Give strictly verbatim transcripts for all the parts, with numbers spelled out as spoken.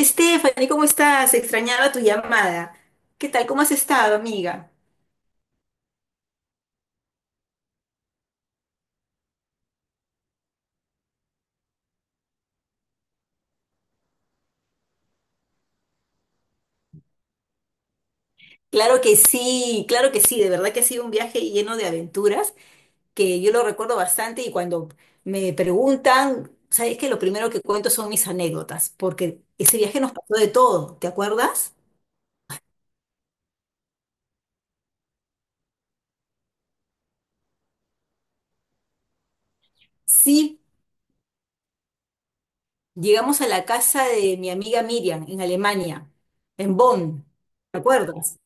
Stephanie, ¿cómo estás? Extrañaba tu llamada. ¿Qué tal? ¿Cómo has estado, amiga? Claro que sí, claro que sí. De verdad que ha sido un viaje lleno de aventuras que yo lo recuerdo bastante y cuando me preguntan, sabes que lo primero que cuento son mis anécdotas, porque ese viaje nos pasó de todo, ¿te acuerdas? Sí, llegamos a la casa de mi amiga Miriam en Alemania, en Bonn. ¿Te acuerdas?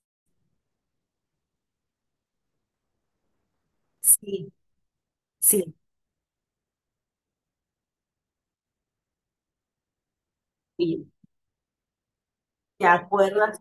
Sí, sí, sí. ¿Te acuerdas?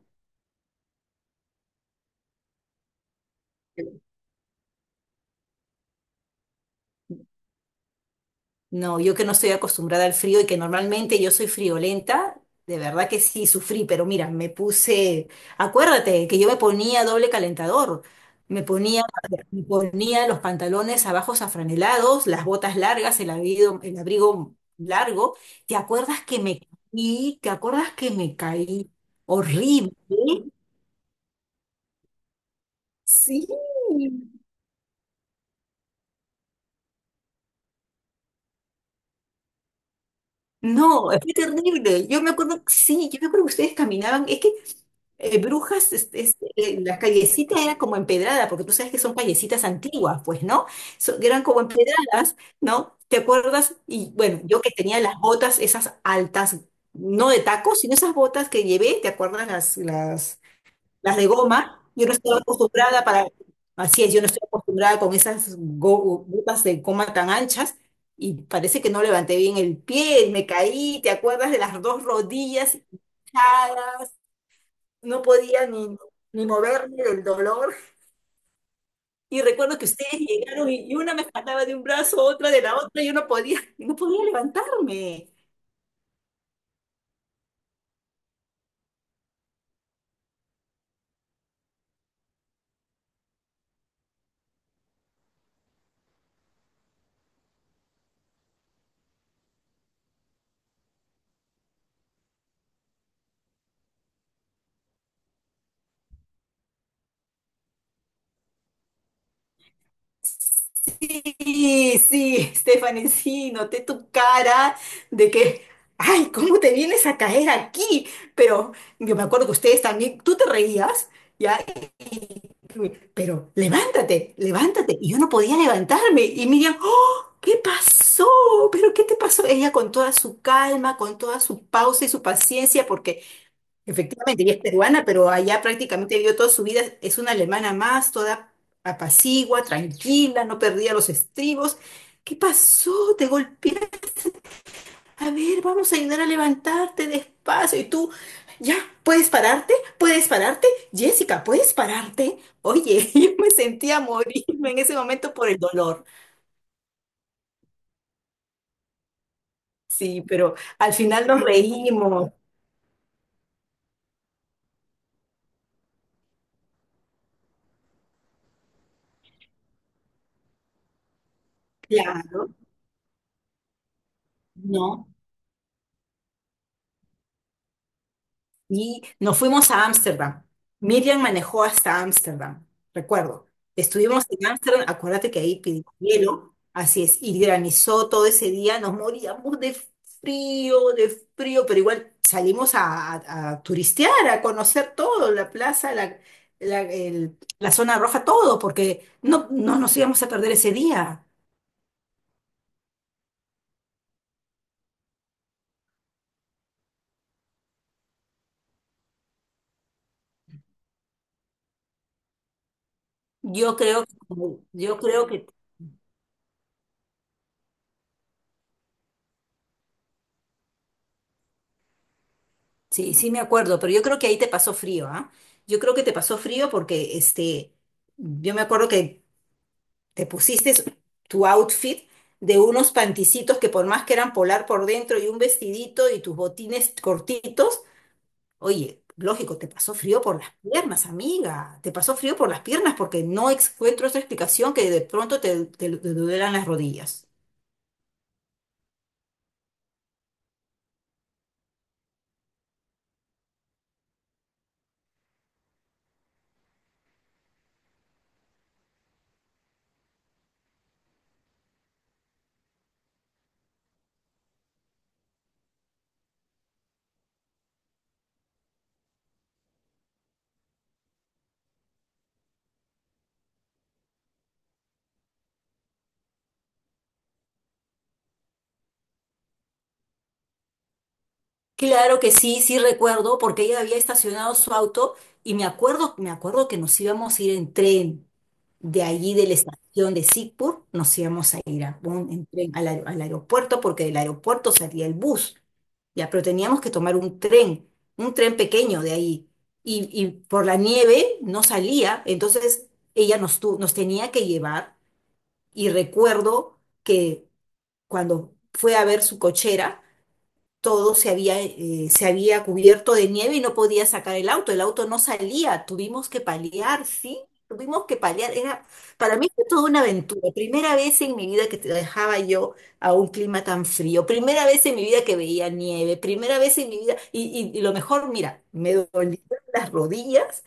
No, yo que no estoy acostumbrada al frío y que normalmente yo soy friolenta, de verdad que sí sufrí, pero mira, me puse, acuérdate que yo me ponía doble calentador, me ponía, me ponía los pantalones abajo afranelados, las botas largas, el abrigo, el abrigo largo. ¿Te acuerdas que me caí? ¿Te acuerdas que me caí? Horrible. Sí. No, fue terrible. Yo me acuerdo, sí, yo me acuerdo que ustedes caminaban, es que Eh, Brujas, es- es- eh, las callecitas eran como empedradas, porque tú sabes que son callecitas antiguas, pues, ¿no? So- eran como empedradas, ¿no? ¿Te acuerdas? Y bueno, yo que tenía las botas esas altas, no de tacos, sino esas botas que llevé, ¿te acuerdas? Las, las, las de goma. Yo no estaba acostumbrada para, así es, yo no estoy acostumbrada con esas go- botas de goma tan anchas. Y parece que no levanté bien el pie, me caí, ¿te acuerdas de las dos rodillas hinchadas? No podía ni, ni moverme del dolor. Y recuerdo que ustedes llegaron y, y una me jalaba de un brazo, otra de la otra, y yo no podía, no podía levantarme. Sí, sí, Stephanie, sí, noté tu cara de que, ay, ¿cómo te vienes a caer aquí? Pero yo me acuerdo que ustedes también, tú te reías, ¿ya? Y- Pero levántate, levántate. Y yo no podía levantarme. Y Miriam, ¿qué pasó? ¿Pero qué te pasó? Ella con toda su calma, con toda su pausa y su paciencia, porque efectivamente ella es peruana, pero allá prácticamente vivió toda su vida, es una alemana más, toda apacigua, tranquila, no perdía los estribos. ¿Qué pasó? ¿Te golpeaste? A ver, vamos a ayudar a levantarte despacio. Y tú, ya, ¿puedes pararte? ¿Puedes pararte? Jessica, ¿puedes pararte? Oye, yo me sentía a morirme en ese momento por el dolor. Sí, pero al final nos reímos. Claro, no. Y nos fuimos a Ámsterdam. Miriam manejó hasta Ámsterdam, recuerdo. Estuvimos en Ámsterdam, acuérdate que ahí pidió hielo, así es, y granizó todo ese día, nos moríamos de frío, de frío, pero igual salimos a, a- a turistear, a conocer todo, la plaza, la, la, el- la zona roja, todo, porque no, no nos íbamos a perder ese día. Yo creo, que- yo creo que sí, sí me acuerdo, pero yo creo que ahí te pasó frío, ¿ah? Yo creo que te pasó frío porque, este, yo me acuerdo que te pusiste tu outfit de unos panticitos que por más que eran polar por dentro y un vestidito y tus botines cortitos, oye, lógico, te pasó frío por las piernas, amiga, te pasó frío por las piernas porque no encuentro otra explicación que de pronto te, te, te duelan las rodillas. Claro que sí, sí recuerdo, porque ella había estacionado su auto y me acuerdo, me acuerdo que nos íbamos a ir en tren de allí de la estación de Sigpur, nos íbamos a ir a un- en tren al, aer- al aeropuerto, porque del aeropuerto salía el bus, ya, pero teníamos que tomar un tren, un tren pequeño de ahí, y, y por la nieve no salía, entonces ella nos, tu- nos tenía que llevar, y recuerdo que cuando fue a ver su cochera, todo se había, eh, se había cubierto de nieve y no podía sacar el auto, el auto no salía, tuvimos que paliar, ¿sí? Tuvimos que paliar, era, para mí fue toda una aventura, primera vez en mi vida que te dejaba yo a un clima tan frío, primera vez en mi vida que veía nieve, primera vez en mi vida, y, y- y lo mejor, mira, me dolían las rodillas,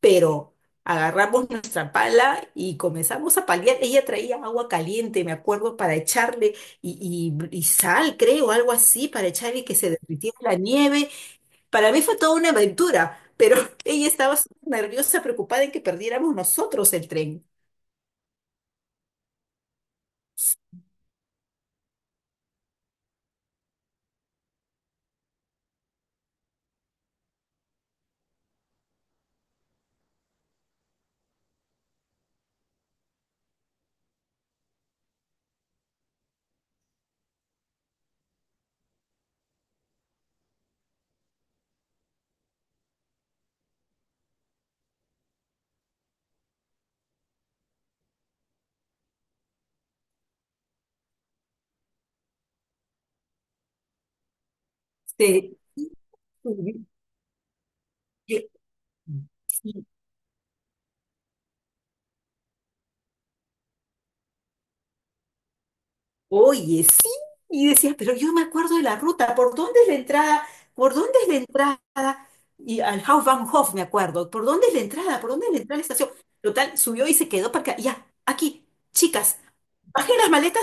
pero agarramos nuestra pala y comenzamos a paliar. Ella traía agua caliente, me acuerdo, para echarle y, y- y sal, creo, algo así, para echar y que se derritiera la nieve. Para mí fue toda una aventura, pero ella estaba súper nerviosa, preocupada en que perdiéramos nosotros el tren. Se- Sí, oye, sí, y decía, pero yo me acuerdo de la ruta, ¿por dónde es la entrada? ¿Por dónde es la entrada? Y al Hauptbahnhof me acuerdo, ¿por dónde es la entrada? ¿Por dónde es la entrada a la estación? Total, subió y se quedó para acá, ya, aquí, chicas, bajé las maletas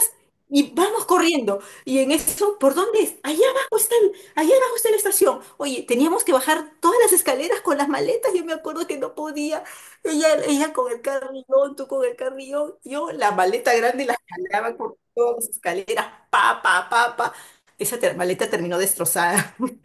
y vamos corriendo. Y en eso, ¿por dónde es? Allá abajo está, el- allá abajo está la estación. Oye, teníamos que bajar todas las escaleras con las maletas, yo me acuerdo que no podía. Ella, ella con el carrillón, tú con el carrillón, yo la maleta grande la jalaba todas escaleras, pa, pa, pa, pa. Esa ter- maleta terminó destrozada.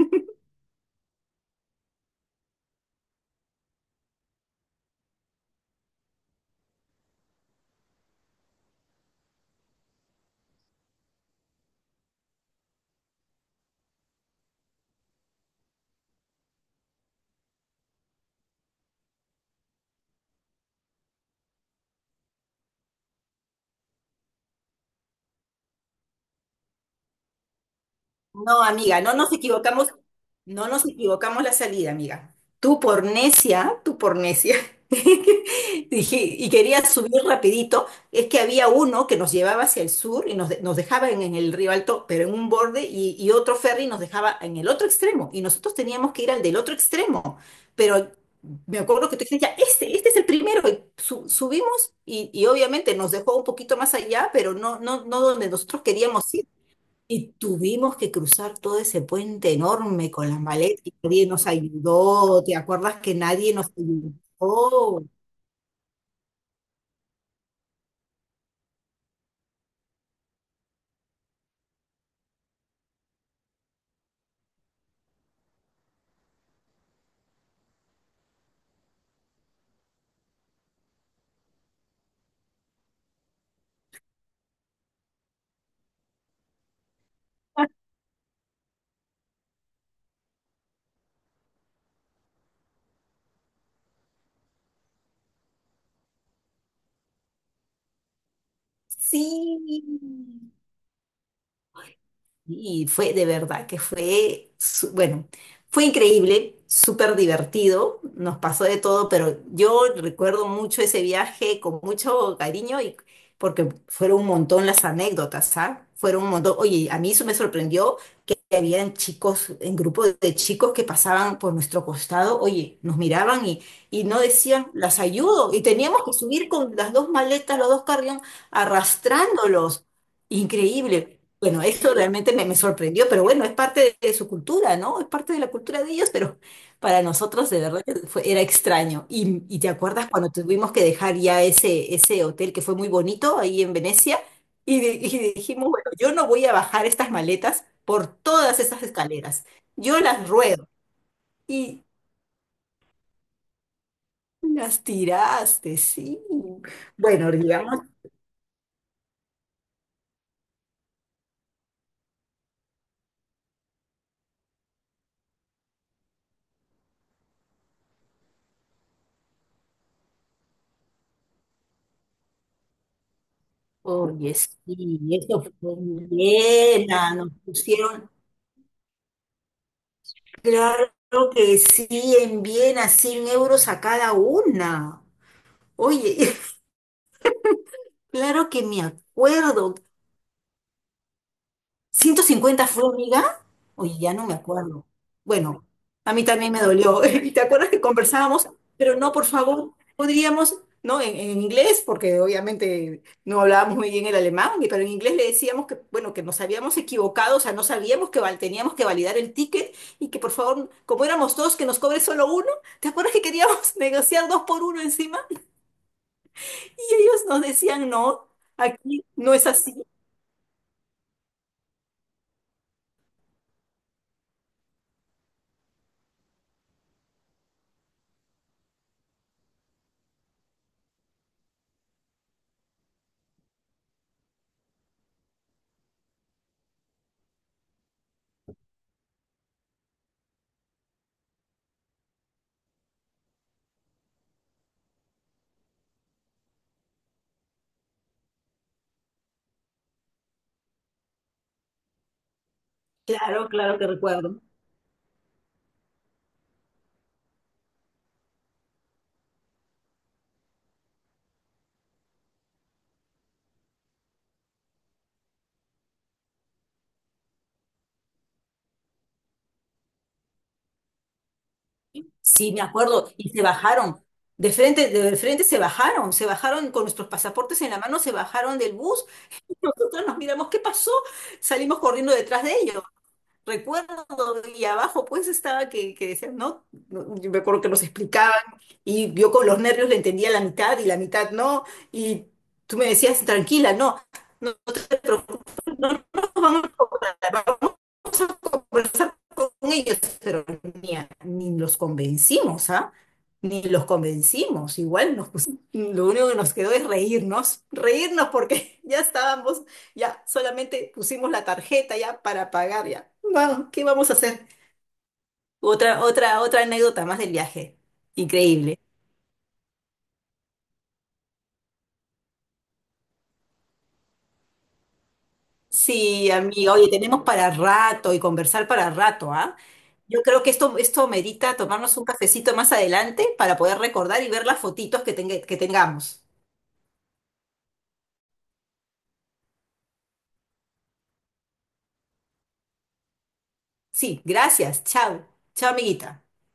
No, amiga, no nos equivocamos. No nos equivocamos la salida, amiga. Tú por necia, tú por necia. Dije, y quería subir rapidito. Es que había uno que nos llevaba hacia el sur y nos, de- nos dejaba en, en el río Alto, pero en un borde, y, y otro ferry nos dejaba en el otro extremo. Y nosotros teníamos que ir al del otro extremo. Pero me acuerdo que tú dijiste, ya, este, este es el primero. Y su- subimos y, y obviamente nos dejó un poquito más allá, pero no, no, no donde nosotros queríamos ir. Y tuvimos que cruzar todo ese puente enorme con las maletas y nadie nos ayudó. ¿Te acuerdas que nadie nos ayudó? Sí. Y fue de verdad que fue, su- bueno, fue increíble, súper divertido, nos pasó de todo, pero yo recuerdo mucho ese viaje con mucho cariño y porque fueron un montón las anécdotas, ¿ah? Fueron un montón. Oye, a mí eso me sorprendió que habían chicos, en grupo de chicos que pasaban por nuestro costado, oye, nos miraban y, y no decían, las ayudo. Y teníamos que subir con las dos maletas, los dos carrión, arrastrándolos. Increíble. Bueno, eso realmente me, me sorprendió, pero bueno, es parte de, de su cultura, ¿no? Es parte de la cultura de ellos, pero para nosotros de verdad que fue, era extraño. Y, y te acuerdas cuando tuvimos que dejar ya ese, ese hotel que fue muy bonito ahí en Venecia y, di- y dijimos, bueno, yo no voy a bajar estas maletas por todas esas escaleras. Yo las ruedo. Y las tiraste, sí. Bueno, digamos, oye, sí, eso fue en Viena. Nos pusieron, claro que sí, en Viena, cien euros a cada una. Oye, claro que me acuerdo, ¿ciento cincuenta fue, amiga? Oye, ya no me acuerdo. Bueno, a mí también me dolió. ¿Y te acuerdas que conversábamos? Pero no, por favor, podríamos, ¿no? En, en inglés, porque obviamente no hablábamos muy bien el alemán, y- pero en inglés le decíamos que, bueno, que nos habíamos equivocado, o sea, no sabíamos que val- teníamos que validar el ticket y que, por favor, como éramos dos, que nos cobre solo uno. ¿Te acuerdas que queríamos negociar dos por uno encima? Y ellos nos decían, no, aquí no es así. Claro, claro que recuerdo. Sí, me acuerdo, y se bajaron. De frente, de frente se bajaron, se bajaron con nuestros pasaportes en la mano, se bajaron del bus y nosotros nos miramos, ¿qué pasó? Salimos corriendo detrás de ellos. Recuerdo, y abajo pues estaba que, que decían, no, no, yo me acuerdo que nos explicaban y yo con los nervios le entendía la mitad y la mitad no, y tú me decías, tranquila, no, no te preocupes, no, no, claro, vamos a conversar con ellos, pero ni, a- ni los convencimos, ¿ah? Ni los convencimos, igual nos pusimos, lo único que nos quedó es reírnos, reírnos porque ya estábamos, ya solamente pusimos la tarjeta ya para pagar ya. Vamos, ¿qué vamos a hacer? Otra, otra, otra anécdota más del viaje. Increíble. Sí, amiga, oye, tenemos para rato y conversar para rato, ¿ah? Yo creo que esto, esto merita tomarnos un cafecito más adelante para poder recordar y ver las fotitos que, tenga- que tengamos. Sí, gracias. Chao. Chao, amiguita.